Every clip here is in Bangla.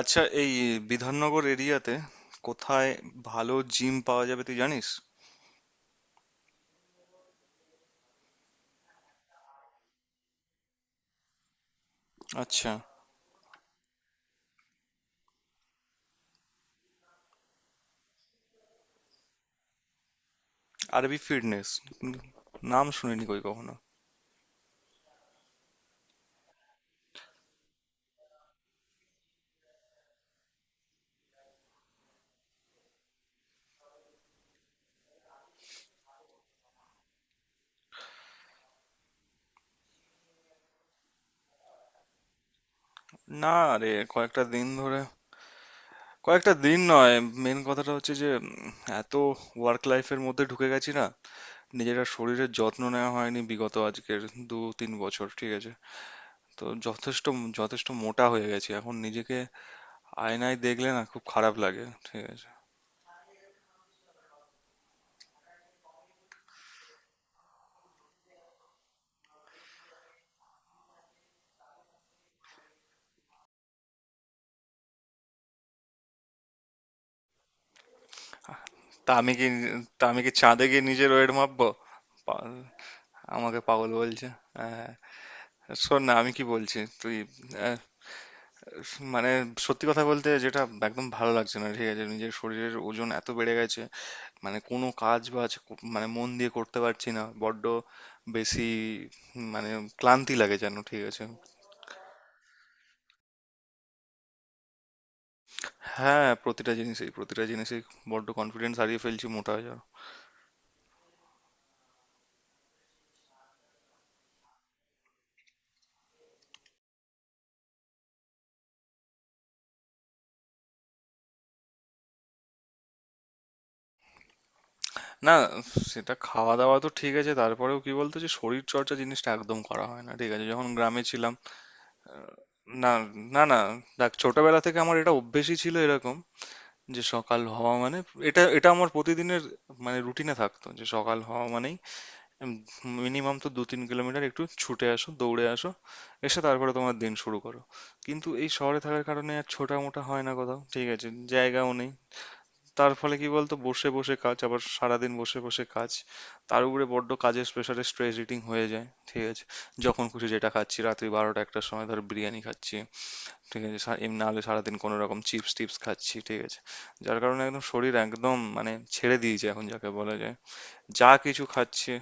আচ্ছা, এই বিধাননগর এরিয়াতে কোথায় ভালো জিম পাওয়া যাবে তুই জানিস? আচ্ছা, আরবি ফিটনেস? নাম শুনিনি কই কখনো। না রে, কয়েকটা দিন ধরে, কয়েকটা দিন নয়, মেন কথাটা হচ্ছে যে এত ওয়ার্ক লাইফের মধ্যে ঢুকে গেছি না, নিজেরা শরীরের যত্ন নেওয়া হয়নি বিগত আজকের 2-3 বছর, ঠিক আছে? তো যথেষ্ট যথেষ্ট মোটা হয়ে গেছি, এখন নিজেকে আয়নায় দেখলে না খুব খারাপ লাগে, ঠিক আছে? তা আমি কি তা আমি কি চাঁদে গিয়ে নিজের ওয়েট মাপবো? পাগল। আমাকে পাগল বলছে। হ্যাঁ, শোন না, আমি কি বলছি তুই। আহ, মানে সত্যি কথা বলতে, যেটা একদম ভালো লাগছে না ঠিক আছে, নিজের শরীরের ওজন এত বেড়ে গেছে মানে কোনো কাজ বাজ মানে মন দিয়ে করতে পারছি না, বড্ড বেশি মানে ক্লান্তি লাগে যেন, ঠিক আছে? হ্যাঁ, প্রতিটা জিনিসেই বড্ড কনফিডেন্স হারিয়ে ফেলছি মোটা হয়ে যাওয়ার। না, সেটা খাওয়া দাওয়া তো ঠিক আছে, তারপরেও কি বলতো যে শরীর চর্চা জিনিসটা একদম করা হয় না, ঠিক আছে, যখন গ্রামে ছিলাম। না, না, না, দেখ, ছোটবেলা থেকে আমার এটা অভ্যেসই ছিল এরকম, যে সকাল হওয়া মানে, এটা এটা আমার প্রতিদিনের মানে রুটিনে থাকতো যে সকাল হওয়া মানেই মিনিমাম তো 2-3 কিলোমিটার একটু ছুটে আসো, দৌড়ে আসো, এসে তারপরে তোমার দিন শুরু করো। কিন্তু এই শহরে থাকার কারণে আর ছোটা মোটা হয় না কোথাও, ঠিক আছে, জায়গাও নেই। তার ফলে কি বলতো, বসে বসে কাজ, আবার সারাদিন বসে বসে কাজ। তার উপরে বড্ড কাজের প্রেশারে স্ট্রেস ইটিং হয়ে যায়, ঠিক আছে, যখন খুশি যেটা খাচ্ছি রাত্রি 12টা-1টার সময় ধর বিরিয়ানি খাচ্ছি, ঠিক আছে, এমনি নাহলে সারাদিন কোনো রকম চিপস টিপস খাচ্ছি, ঠিক আছে? যার কারণে একদম শরীর একদম মানে ছেড়ে দিয়েছে এখন, যাকে বলা যায় যা কিছু খাচ্ছি।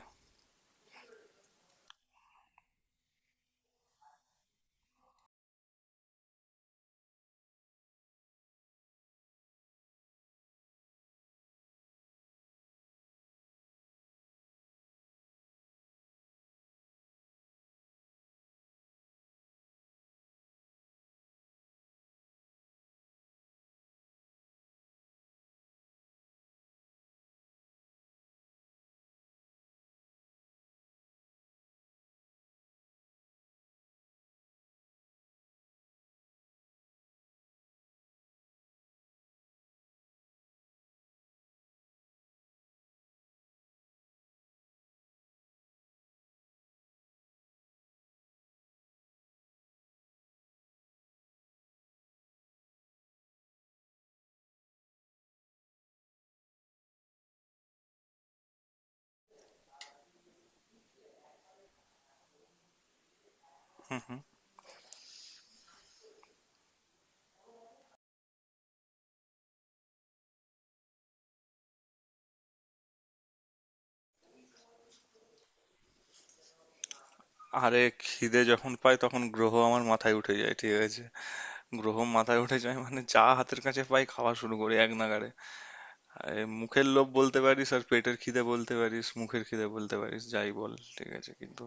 হুম, হুম। আরে, খিদে যখন পাই তখন গ্রহ আমার মাথায় উঠে যায়, ঠিক আছে, গ্রহ মাথায় উঠে যায় মানে যা হাতের কাছে পাই খাওয়া শুরু করি এক নাগাড়ে। আরে, মুখের লোভ বলতে পারিস, আর পেটের খিদে বলতে পারিস, মুখের খিদে বলতে পারিস, যাই বল, ঠিক আছে, কিন্তু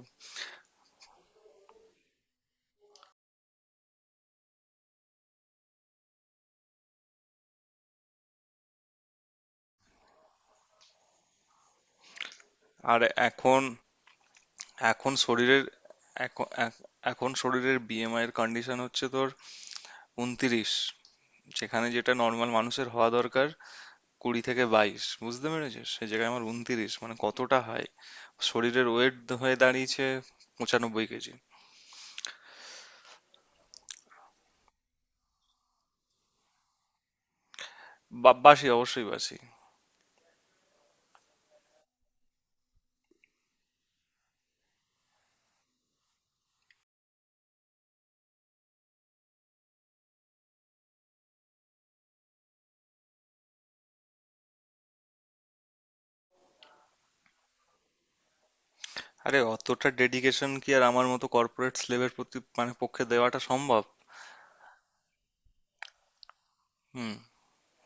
আর এখন এখন শরীরের এখন এখ- এখন শরীরের বিএমআই এর কন্ডিশন হচ্ছে তোর 29, যেখানে যেটা নর্মাল মানুষের হওয়া দরকার 20 থেকে 22, বুঝতে পেরেছিস? সে জায়গায় আমার 29 মানে কতটা হাই শরীরের ওয়েট হয়ে দাঁড়িয়েছে, 95 কেজি। বাসি, অবশ্যই বাসি। আরে, অতটা ডেডিকেশন কি আর আমার মতো কর্পোরেট স্লেভের প্রতি মানে পক্ষে দেওয়াটা সম্ভব? হুম,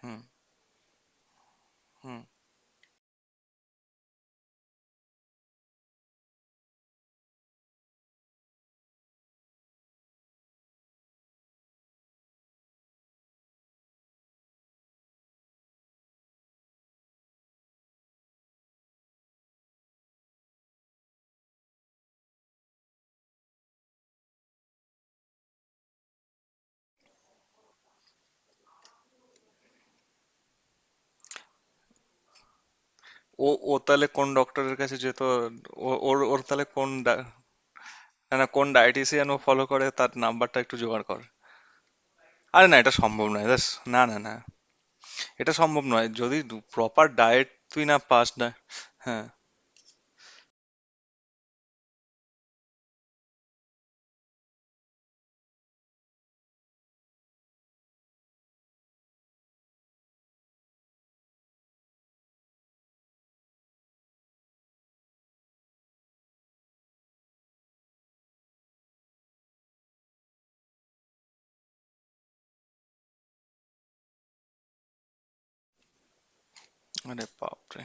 হুম, হুম। ও, ও তাহলে কোন ডক্টরের কাছে যেত? ও ওর ওর তাহলে কোন ডা- না, না, কোন ডায়েটিসিয়ান ও ফলো করে, তার নাম্বারটা একটু জোগাড় কর। আরে না, এটা সম্ভব নয় ব্যাস। না, না, না, এটা সম্ভব নয় যদি প্রপার ডায়েট তুই না পাস না। হ্যাঁ। আরে বাপরে।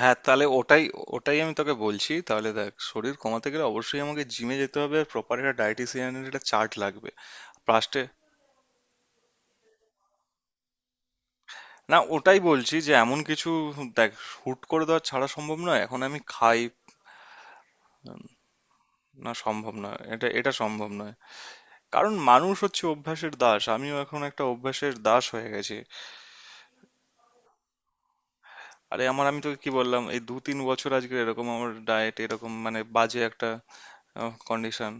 হ্যাঁ, তাহলে ওটাই, ওটাই আমি তোকে বলছি, তাহলে দেখ শরীর কমাতে গেলে অবশ্যই আমাকে জিমে যেতে হবে, আর প্রপার একটা ডায়েটিসিয়ানের একটা চার্ট লাগবে। ফার্স্টে, না, ওটাই বলছি, যে এমন কিছু দেখ হুট করে দেওয়া ছাড়া সম্ভব নয় এখন আমি খাই, না সম্ভব নয়, এটা, এটা সম্ভব নয়, কারণ মানুষ হচ্ছে অভ্যাসের দাস, আমিও এখন একটা অভ্যাসের দাস হয়ে গেছি। আরে, আমি তোকে কি বললাম, এই 2-3 বছর আজকে এরকম আমার ডায়েট এরকম মানে বাজে একটা কন্ডিশন।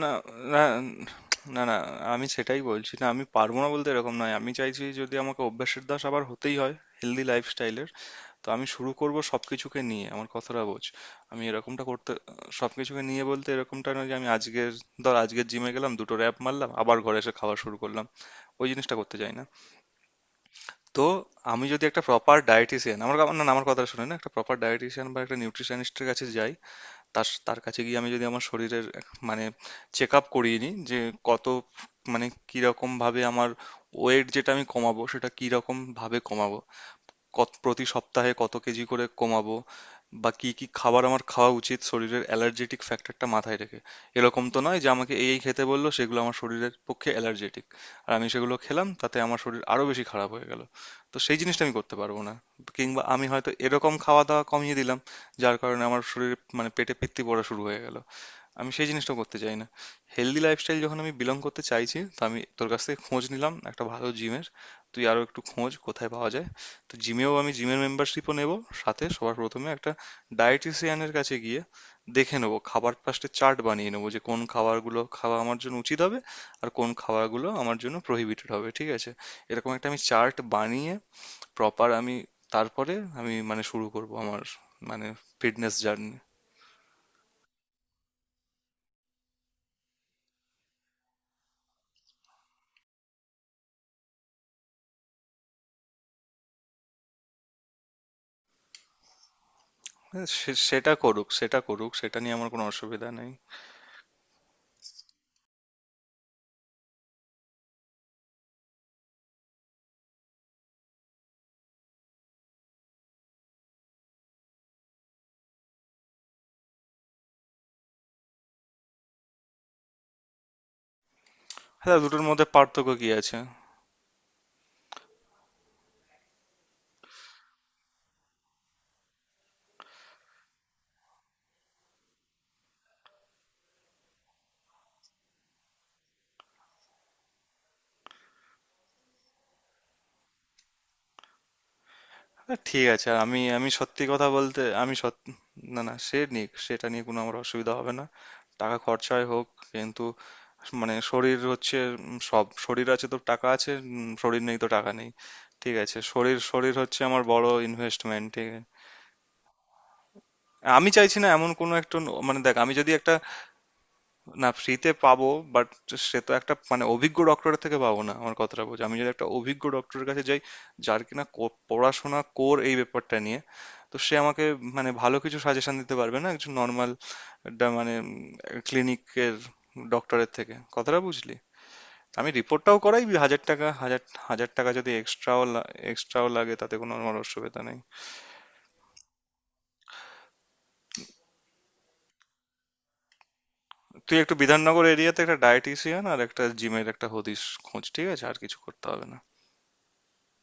না, না, না, না, আমি সেটাই বলছি না, আমি পারবো না বলতে এরকম নয়, আমি চাইছি যদি আমাকে অভ্যাসের দাস আবার হতেই হয় হেলদি লাইফস্টাইলের, তো আমি শুরু করব সবকিছুকে নিয়ে, আমার কথাটা বোঝ, আমি এরকমটা করতে সবকিছুকে নিয়ে বলতে এরকমটা নয় যে আমি আজকের, ধর আজকের জিমে গেলাম, দুটো র্যাপ মারলাম, আবার ঘরে এসে খাওয়া শুরু করলাম, ওই জিনিসটা করতে চাই না। তো আমি যদি একটা প্রপার ডায়েটিশিয়ান আমার কা- না না, আমার কথা শুনে, না, একটা প্রপার ডায়েটিশিয়ান বা একটা নিউট্রিশনিস্টের কাছে যাই, তার তার কাছে গিয়ে আমি যদি আমার শরীরের মানে চেক আপ করিয়ে নিই, যে কত মানে কিরকম ভাবে আমার ওয়েট যেটা আমি কমাবো সেটা কিরকম ভাবে কমাবো, কত প্রতি সপ্তাহে কত কেজি করে কমাবো, বা কি কি খাবার আমার খাওয়া উচিত শরীরের অ্যালার্জেটিক ফ্যাক্টরটা মাথায় রেখে। এরকম তো নয় যে আমাকে এই এই খেতে বললো, সেগুলো আমার শরীরের পক্ষে অ্যালার্জেটিক, আর আমি সেগুলো খেলাম, তাতে আমার শরীর আরো বেশি খারাপ হয়ে গেল। তো সেই জিনিসটা আমি করতে পারবো না। কিংবা আমি হয়তো এরকম খাওয়া দাওয়া কমিয়ে দিলাম, যার কারণে আমার শরীরে মানে পেটে পিত্তি পড়া শুরু হয়ে গেল। আমি সেই জিনিসটা করতে চাই না। হেলদি লাইফস্টাইল যখন আমি বিলং করতে চাইছি, তো আমি তোর কাছ থেকে খোঁজ নিলাম একটা ভালো জিমের, তুই আরো একটু খোঁজ কোথায় পাওয়া যায়। তো জিমেও আমি জিমের মেম্বারশিপও নেব, সাথে সবার প্রথমে একটা ডায়েটিশিয়ানের কাছে গিয়ে দেখে নেবো খাবার, ফার্স্টে চার্ট বানিয়ে নেবো যে কোন খাবারগুলো খাওয়া আমার জন্য উচিত হবে, আর কোন খাবারগুলো আমার জন্য প্রহিবিটেড হবে, ঠিক আছে? এরকম একটা আমি চার্ট বানিয়ে প্রপার আমি, তারপরে আমি মানে শুরু করব আমার মানে ফিটনেস জার্নি। হ্যাঁ, সেটা করুক, সেটা করুক, সেটা নিয়ে আমার কোনো অসুবিধা নেই। হ্যাঁ, দুটোর মধ্যে পার্থক্য কি আছে? হ্যাঁ, ঠিক আছে, আর আমি আমি সত্যি কথা বলতে আমি সত্যি। না, না, সে নিক, সেটা নিয়ে কোনো আমার অসুবিধা হবে না, টাকা খরচায় হোক, কিন্তু মানে শরীর হচ্ছে সব, শরীর আছে তো টাকা আছে, শরীর নেই তো টাকা নেই, ঠিক আছে? শরীর শরীর হচ্ছে আমার বড় ইনভেস্টমেন্ট, ঠিক আছে। আমি চাইছি না এমন কোনো একটা মানে দেখ, আমি যদি একটা, না, ফ্রিতে পাবো, বাট সে তো একটা মানে অভিজ্ঞ ডক্টরের থেকে পাবো না, আমার কথাটা বলছি, আমি যদি একটা অভিজ্ঞ ডক্টরের কাছে যাই, যার কিনা পড়াশোনা কোর এই ব্যাপারটা নিয়ে, তো সে আমাকে মানে ভালো কিছু সাজেশন দিতে পারবে না একজন নর্মাল মানে ক্লিনিকের ডক্টরের থেকে, কথাটা বুঝলি। আমি রিপোর্টটাও করাই 1000 টাকা, হাজার হাজার টাকা যদি এক্সট্রাও এক্সট্রাও লাগে তাতে কোনো আমার অসুবিধা নেই। তুই একটু বিধাননগর এরিয়াতে একটা ডায়েটিশিয়ান আর একটা জিমের একটা হদিশ খোঁজ, ঠিক আছে? আর কিছু করতে হবে না।